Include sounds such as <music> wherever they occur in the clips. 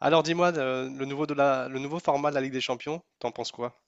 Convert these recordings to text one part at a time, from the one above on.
Alors dis-moi, le nouveau de la, le nouveau format de la Ligue des Champions, t'en penses quoi?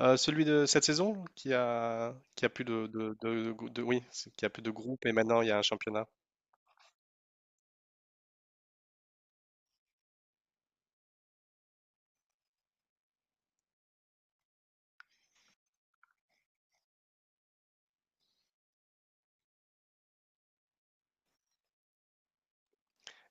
Celui de cette saison qui a plus de qui a plus de groupes et maintenant il y a un championnat.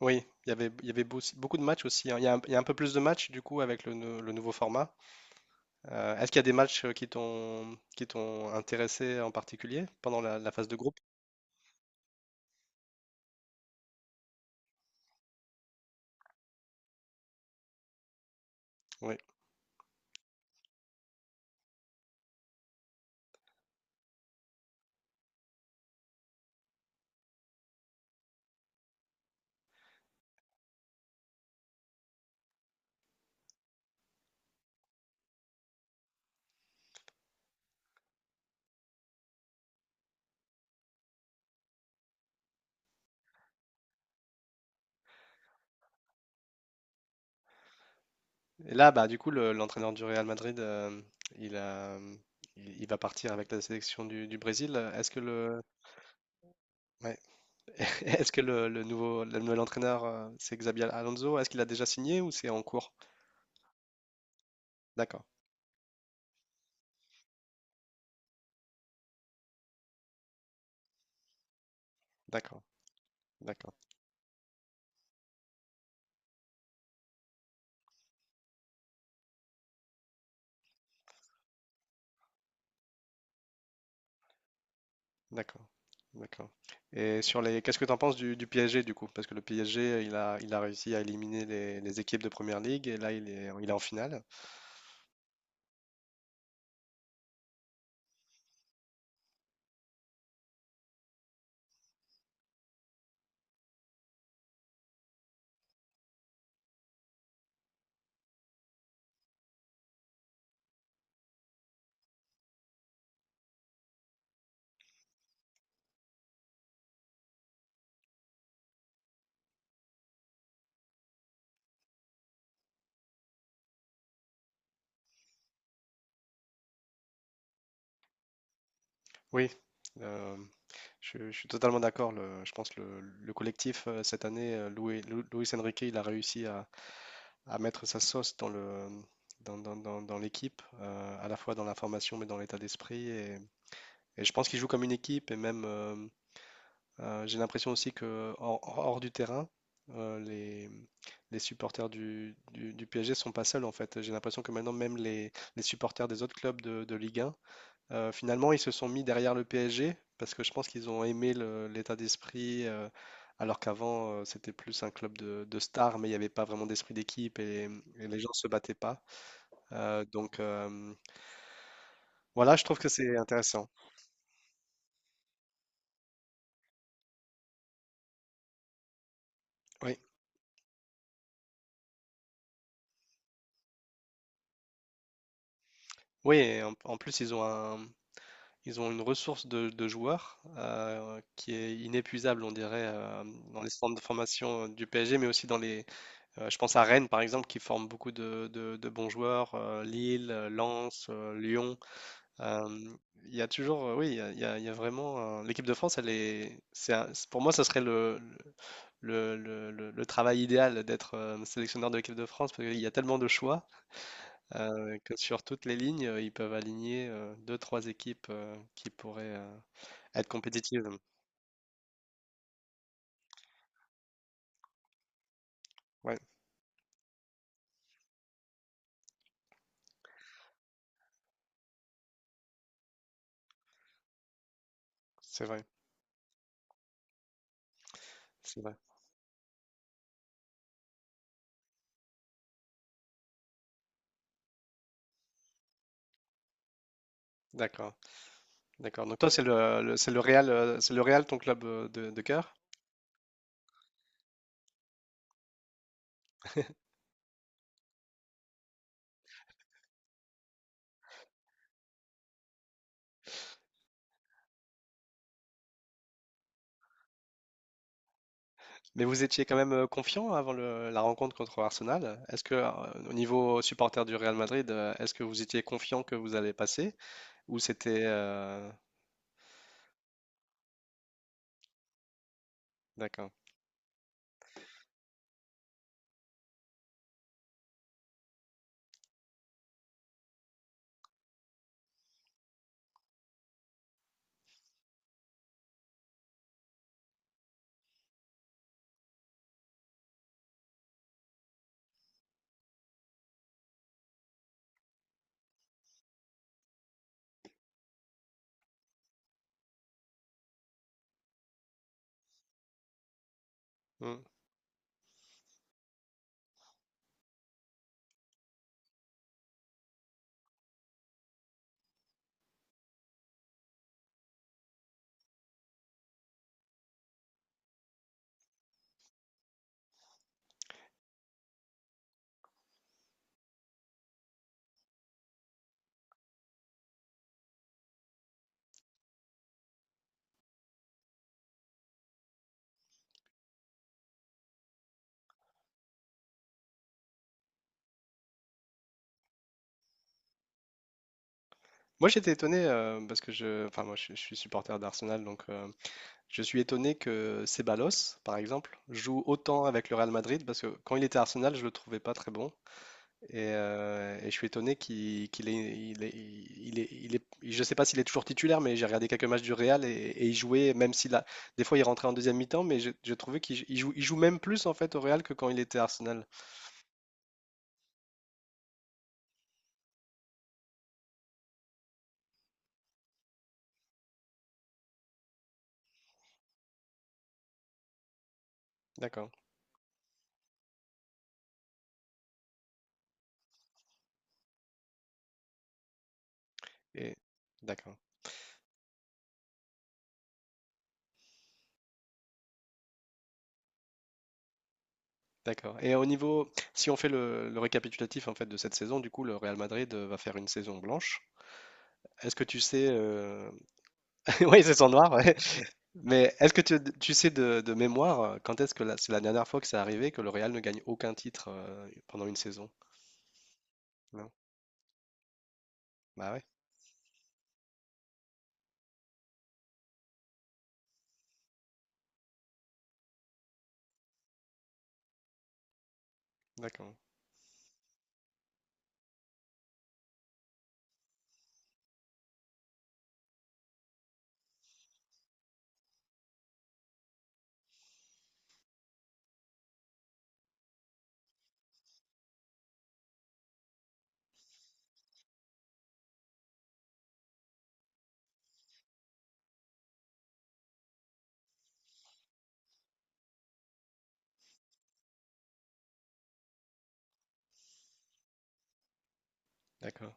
Oui, il y avait beaucoup de matchs aussi, hein. Il y a un peu plus de matchs du coup avec le le nouveau format. Est-ce qu'il y a des matchs qui t'ont intéressé en particulier pendant la phase de groupe? Oui. Et là, bah du coup, l'entraîneur du Real Madrid, il a, il va partir avec la sélection du Brésil. Est-ce que le Ouais. <laughs> Est-ce que le nouvel entraîneur, c'est Xabi Alonso? Est-ce qu'il a déjà signé ou c'est en cours? D'accord, d'accord, d'accord, d'accord, d'accord. Et sur les, qu'est-ce que tu en penses du PSG du coup? Parce que le PSG, il a réussi à éliminer les équipes de Première Ligue et là, il est en finale. Oui, euh, je suis totalement d'accord. Je pense que le collectif, cette année, Luis Enrique, il a réussi à mettre sa sauce dans dans l'équipe, à la fois dans la formation mais dans l'état d'esprit. Et je pense qu'il joue comme une équipe et même j'ai l'impression aussi que hors du terrain, euh, les, les supporters du PSG sont pas seuls en fait. J'ai l'impression que maintenant même les supporters des autres clubs de Ligue 1 finalement, ils se sont mis derrière le PSG parce que je pense qu'ils ont aimé l'état d'esprit, alors qu'avant, c'était plus un club de stars, mais il n'y avait pas vraiment d'esprit d'équipe et les gens se battaient pas. Euh, donc euh, voilà, je trouve que c'est intéressant. Oui, oui, et en plus, ils ont une ressource de joueurs qui est inépuisable, on dirait, dans les centres de formation du PSG, mais aussi dans les. Je pense à Rennes, par exemple, qui forme beaucoup de bons joueurs, Lille, Lens, Lyon. Euh, Il y a toujours, oui, il y a vraiment l'équipe de France, elle est, c'est un- c'est- pour moi, ça serait le travail idéal d'être sélectionneur de l'équipe de France parce qu'il y a tellement de choix que sur toutes les lignes, ils peuvent aligner deux, trois équipes qui pourraient être compétitives. Ouais, c'est vrai, c'est vrai. D'accord, d'accord. Donc toi, c'est c'est le Real ton club de cœur? Mais vous étiez quand même confiant avant la rencontre contre Arsenal. Est-ce que, au niveau supporter du Real Madrid, est-ce que vous étiez confiant que vous allez passer? Ou c'était... d'accord. Hmm. Moi, j'étais étonné parce que je... Enfin, moi, je suis supporter d'Arsenal, donc je suis étonné que Ceballos, par exemple, joue autant avec le Real Madrid parce que quand il était à Arsenal, je le trouvais pas très bon. Et je suis étonné qu'il qu'il est, il est, il est, il est- je sais pas s'il est toujours titulaire, mais j'ai regardé quelques matchs du Real et il jouait, même s'il a, des fois il rentrait en deuxième mi-temps, j'ai trouvé il joue même plus en fait au Real que quand il était à Arsenal. D'accord. Et d'accord, d'accord. Et au niveau, si on fait le récapitulatif en fait de cette saison, du coup le Real Madrid va faire une saison blanche. Est-ce que tu sais, <laughs> oui, saison noir <laughs> mais est-ce que tu sais de mémoire quand est-ce que c'est la dernière fois que c'est arrivé que le Real ne gagne aucun titre pendant une saison? Non? Bah ouais, d'accord, d'accord.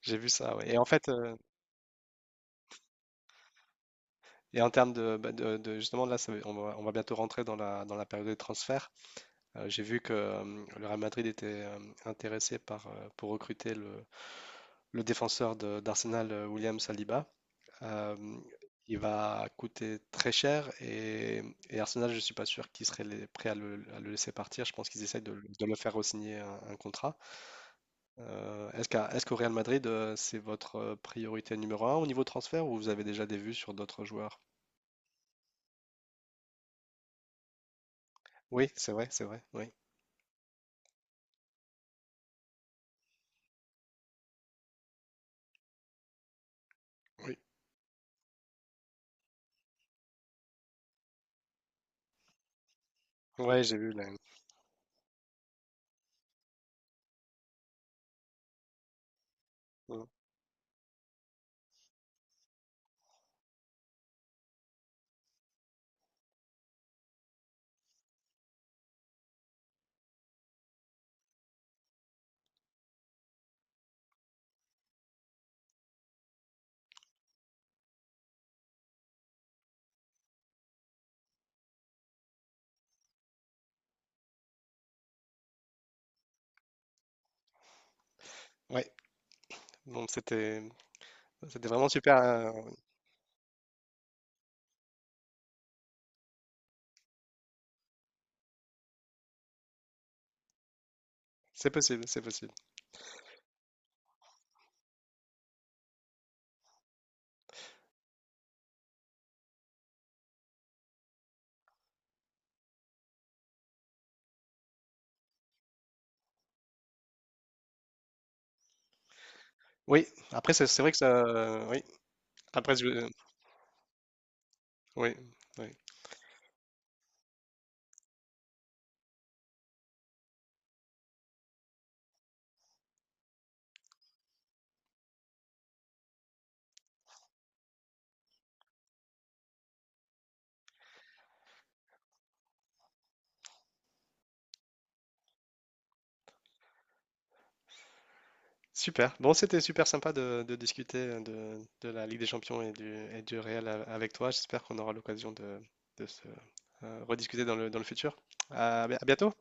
J'ai vu ça, ouais. Et en fait, et en termes de, bah, de- justement là, on va bientôt rentrer dans dans la période de transfert. J'ai vu que le Real Madrid était intéressé par, pour recruter le défenseur d'Arsenal, William Saliba. Euh, il va coûter très cher et Arsenal, je ne suis pas sûr qu'ils seraient prêts à le laisser partir. Je pense qu'ils essaient de le faire re-signer un contrat. Est-ce qu'au Real Madrid, c'est votre priorité numéro un au niveau transfert ou vous avez déjà des vues sur d'autres joueurs? Oui, c'est vrai, c'est vrai. Oui, oui. Ouais, j'ai vu là. Mm. Ouais, donc c'était vraiment super. C'est possible, c'est possible. Oui, après c'est vrai que ça. Oui, après je- oui, oui. Super. Bon, c'était super sympa de discuter de la Ligue des Champions et et du Real avec toi. J'espère qu'on aura l'occasion de se rediscuter dans dans le futur. À à bientôt.